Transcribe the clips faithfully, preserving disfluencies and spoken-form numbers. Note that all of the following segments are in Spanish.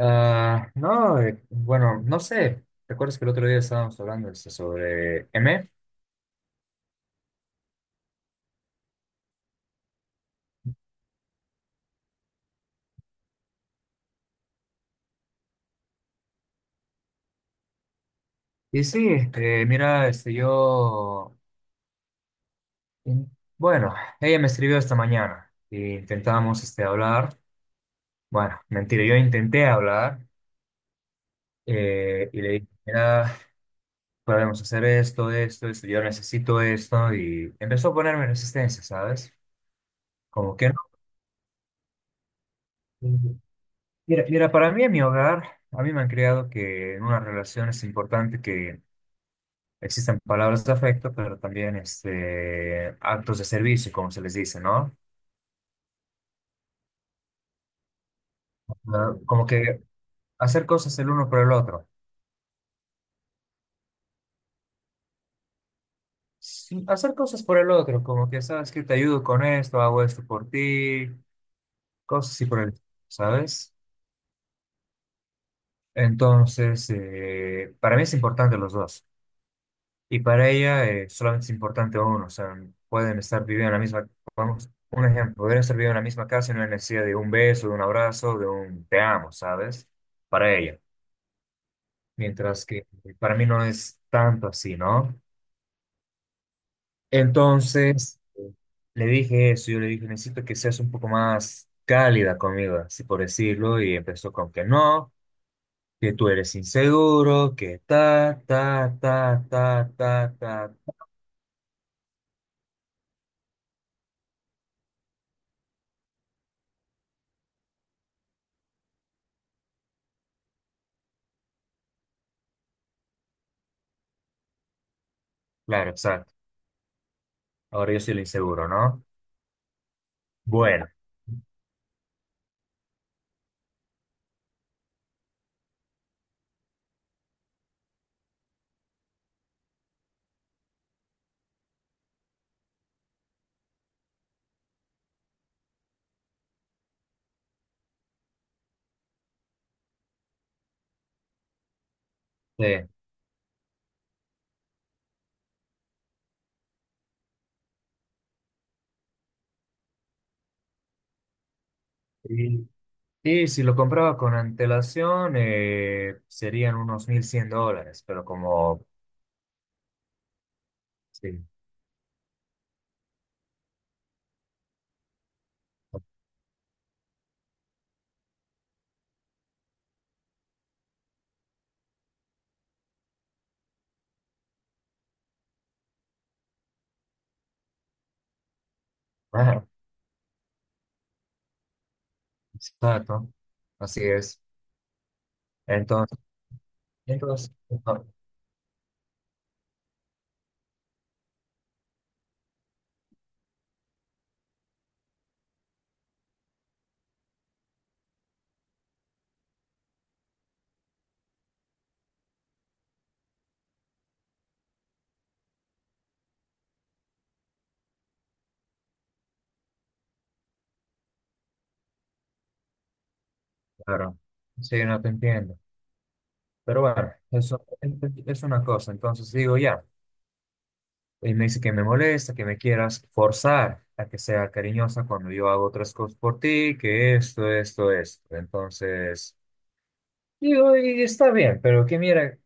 Ah, no, eh, bueno, no sé. ¿Recuerdas que el otro día estábamos hablando este, sobre M? Y sí, este, mira, este, yo, in- bueno, ella me escribió esta mañana y intentábamos este, hablar. Bueno, mentira, yo intenté hablar eh, y le dije, mira, podemos hacer esto, esto, esto, yo necesito esto y empezó a ponerme resistencia, ¿sabes? Como que no. Mira, mira, para mí en mi hogar, a mí me han creado que en una relación es importante que existen palabras de afecto, pero también este, actos de servicio, como se les dice, ¿no? Ah, como que hacer cosas el uno por el otro. Sí, hacer cosas por el otro, como que, ¿sabes que te ayudo con esto, hago esto por ti, cosas así por el, ¿sabes? Entonces, eh, para mí es importante los dos. Y para ella eh, solamente es importante uno. O sea, pueden estar viviendo en la misma, vamos, un ejemplo, podrían estar viviendo en la misma casa y no hay necesidad de un beso, de un abrazo, de un te amo, ¿sabes? Para ella. Mientras que para mí no es tanto así, ¿no? Entonces, le dije eso, yo le dije, necesito que seas un poco más cálida conmigo, así por decirlo, y empezó con que no, que tú eres inseguro, que ta, ta, ta, ta, ta, ta. Claro, exacto. Ahora yo soy el inseguro, ¿no? Bueno, sí. Y, y si lo compraba con antelación, eh, serían unos mil cien dólares, pero como... Sí. Exacto, así es. Entonces, entonces, ah, claro, sí, no te entiendo. Pero bueno, eso es una cosa. Entonces digo ya, y me dice que me molesta, que me quieras forzar a que sea cariñosa cuando yo hago otras cosas por ti, que esto, esto, esto. Entonces. Digo, y está bien, pero que mira,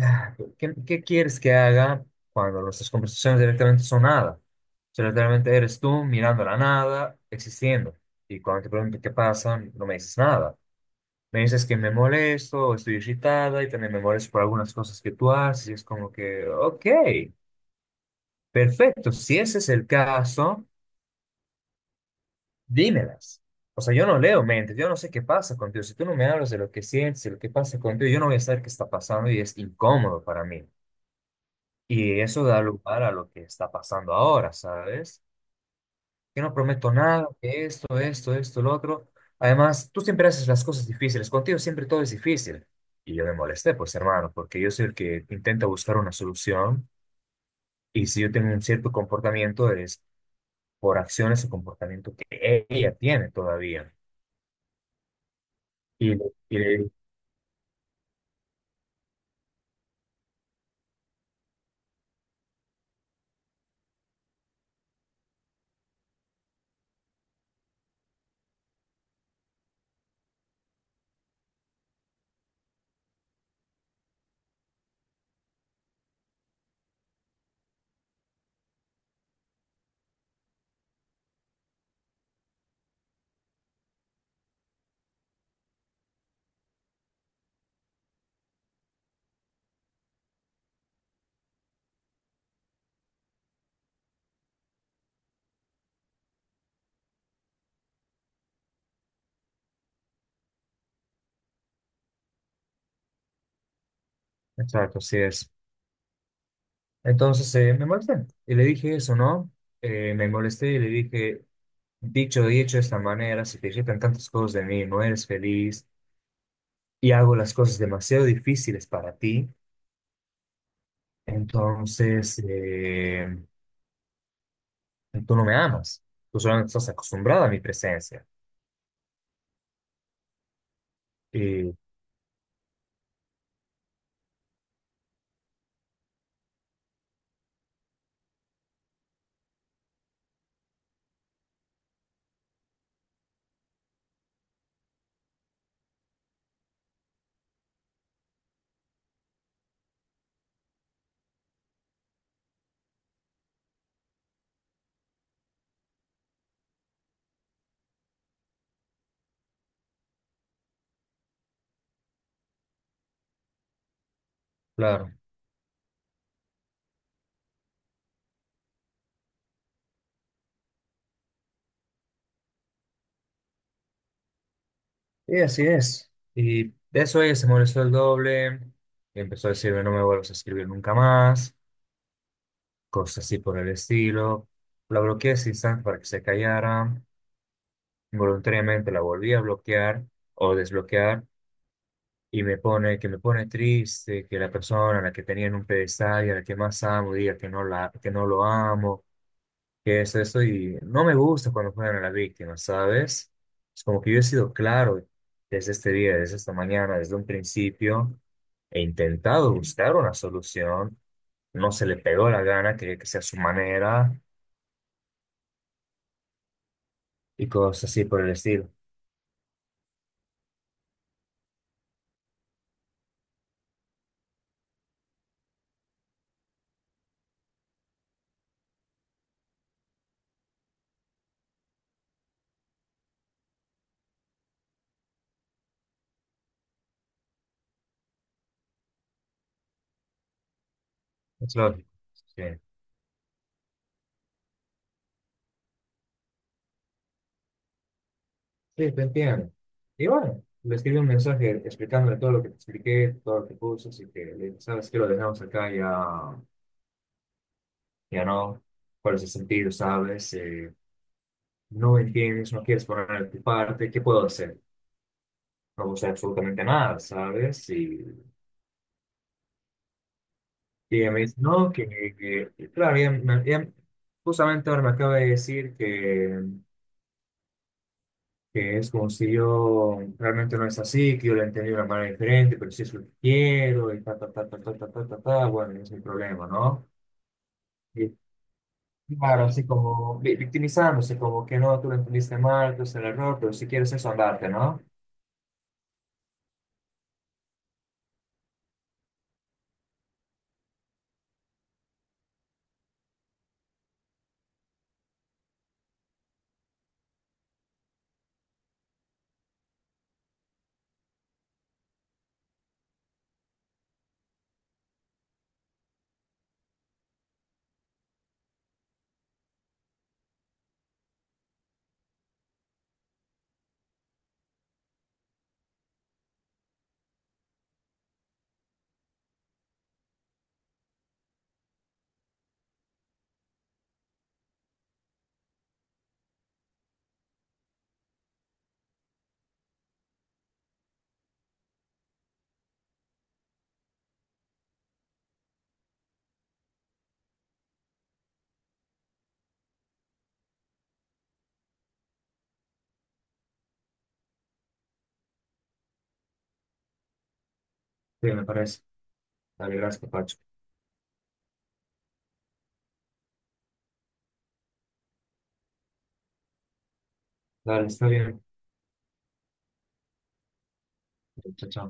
ah, ¿qué, qué quieres que haga cuando nuestras conversaciones directamente son nada? O sea, literalmente eres tú mirando la nada, existiendo. Y cuando te pregunto qué pasa, no me dices nada. Me dices que me molesto, o estoy irritada y también me molesto por algunas cosas que tú haces. Y es como que, ok, perfecto, si ese es el caso. Dímelas. O sea, yo no leo mentes, yo no sé qué pasa contigo. Si tú no me hablas de lo que sientes, de lo que pasa contigo, yo no voy a saber qué está pasando y es incómodo para mí. Y eso da lugar a lo que está pasando ahora, ¿sabes? Que no prometo nada, que esto, esto, esto, lo otro. Además, tú siempre haces las cosas difíciles, contigo siempre todo es difícil. Y yo me molesté, pues hermano, porque yo soy el que intenta buscar una solución y si yo tengo un cierto comportamiento es por acciones o comportamiento que ella tiene todavía. Y, le- y le Exacto, así es. Entonces eh, me molesté y le dije eso, ¿no? Eh, me molesté y le dije, dicho y hecho de esta manera, se te quitan tantas cosas de mí, no eres feliz y hago las cosas demasiado difíciles para ti, entonces eh, tú no me amas, tú solamente estás acostumbrada a mi presencia. Y claro, y así es. Y de eso ella se molestó el doble y empezó a decirme, no me vuelvas a escribir nunca más. Cosas así por el estilo. La bloqueé sin saber para que se callara. Voluntariamente la volví a bloquear o desbloquear y me pone que me pone triste que la persona a la que tenía en un pedestal y a la que más amo diga que no la que no lo amo, que es eso y no me gusta cuando juegan a la víctima, ¿sabes? Es como que yo he sido claro desde este día, desde esta mañana, desde un principio. He intentado buscar una solución, no se le pegó la gana, quería que sea a su manera, y cosas así por el estilo. Es lógico. Sí, sí, te entiendo. Y bueno, le escribí un mensaje explicándole todo lo que te expliqué, todo lo que puse, así que le dije, sabes que lo dejamos acá, ya, ya no, cuál es el sentido, sabes, Eh, no entiendes, no quieres poner de tu parte, ¿qué puedo hacer? No puedo hacer absolutamente nada, ¿sabes? Y, y ella me dice, no, que, que- y claro, ella, me- ella justamente ahora me acaba de decir que que es como si yo realmente no es así, que yo lo entendí de una manera diferente, pero sí es lo que quiero, y ta, ta, ta, ta, ta, ta, ta, ta, ta, bueno, ese es el problema, ¿no? Y claro, así como vi- victimizándose, como que no, tú lo entendiste mal, tú es el error, pero si quieres eso, andarte, ¿no? Sí, me parece. Dale, gracias, Pacho. Dale, está bien. Chao, chao.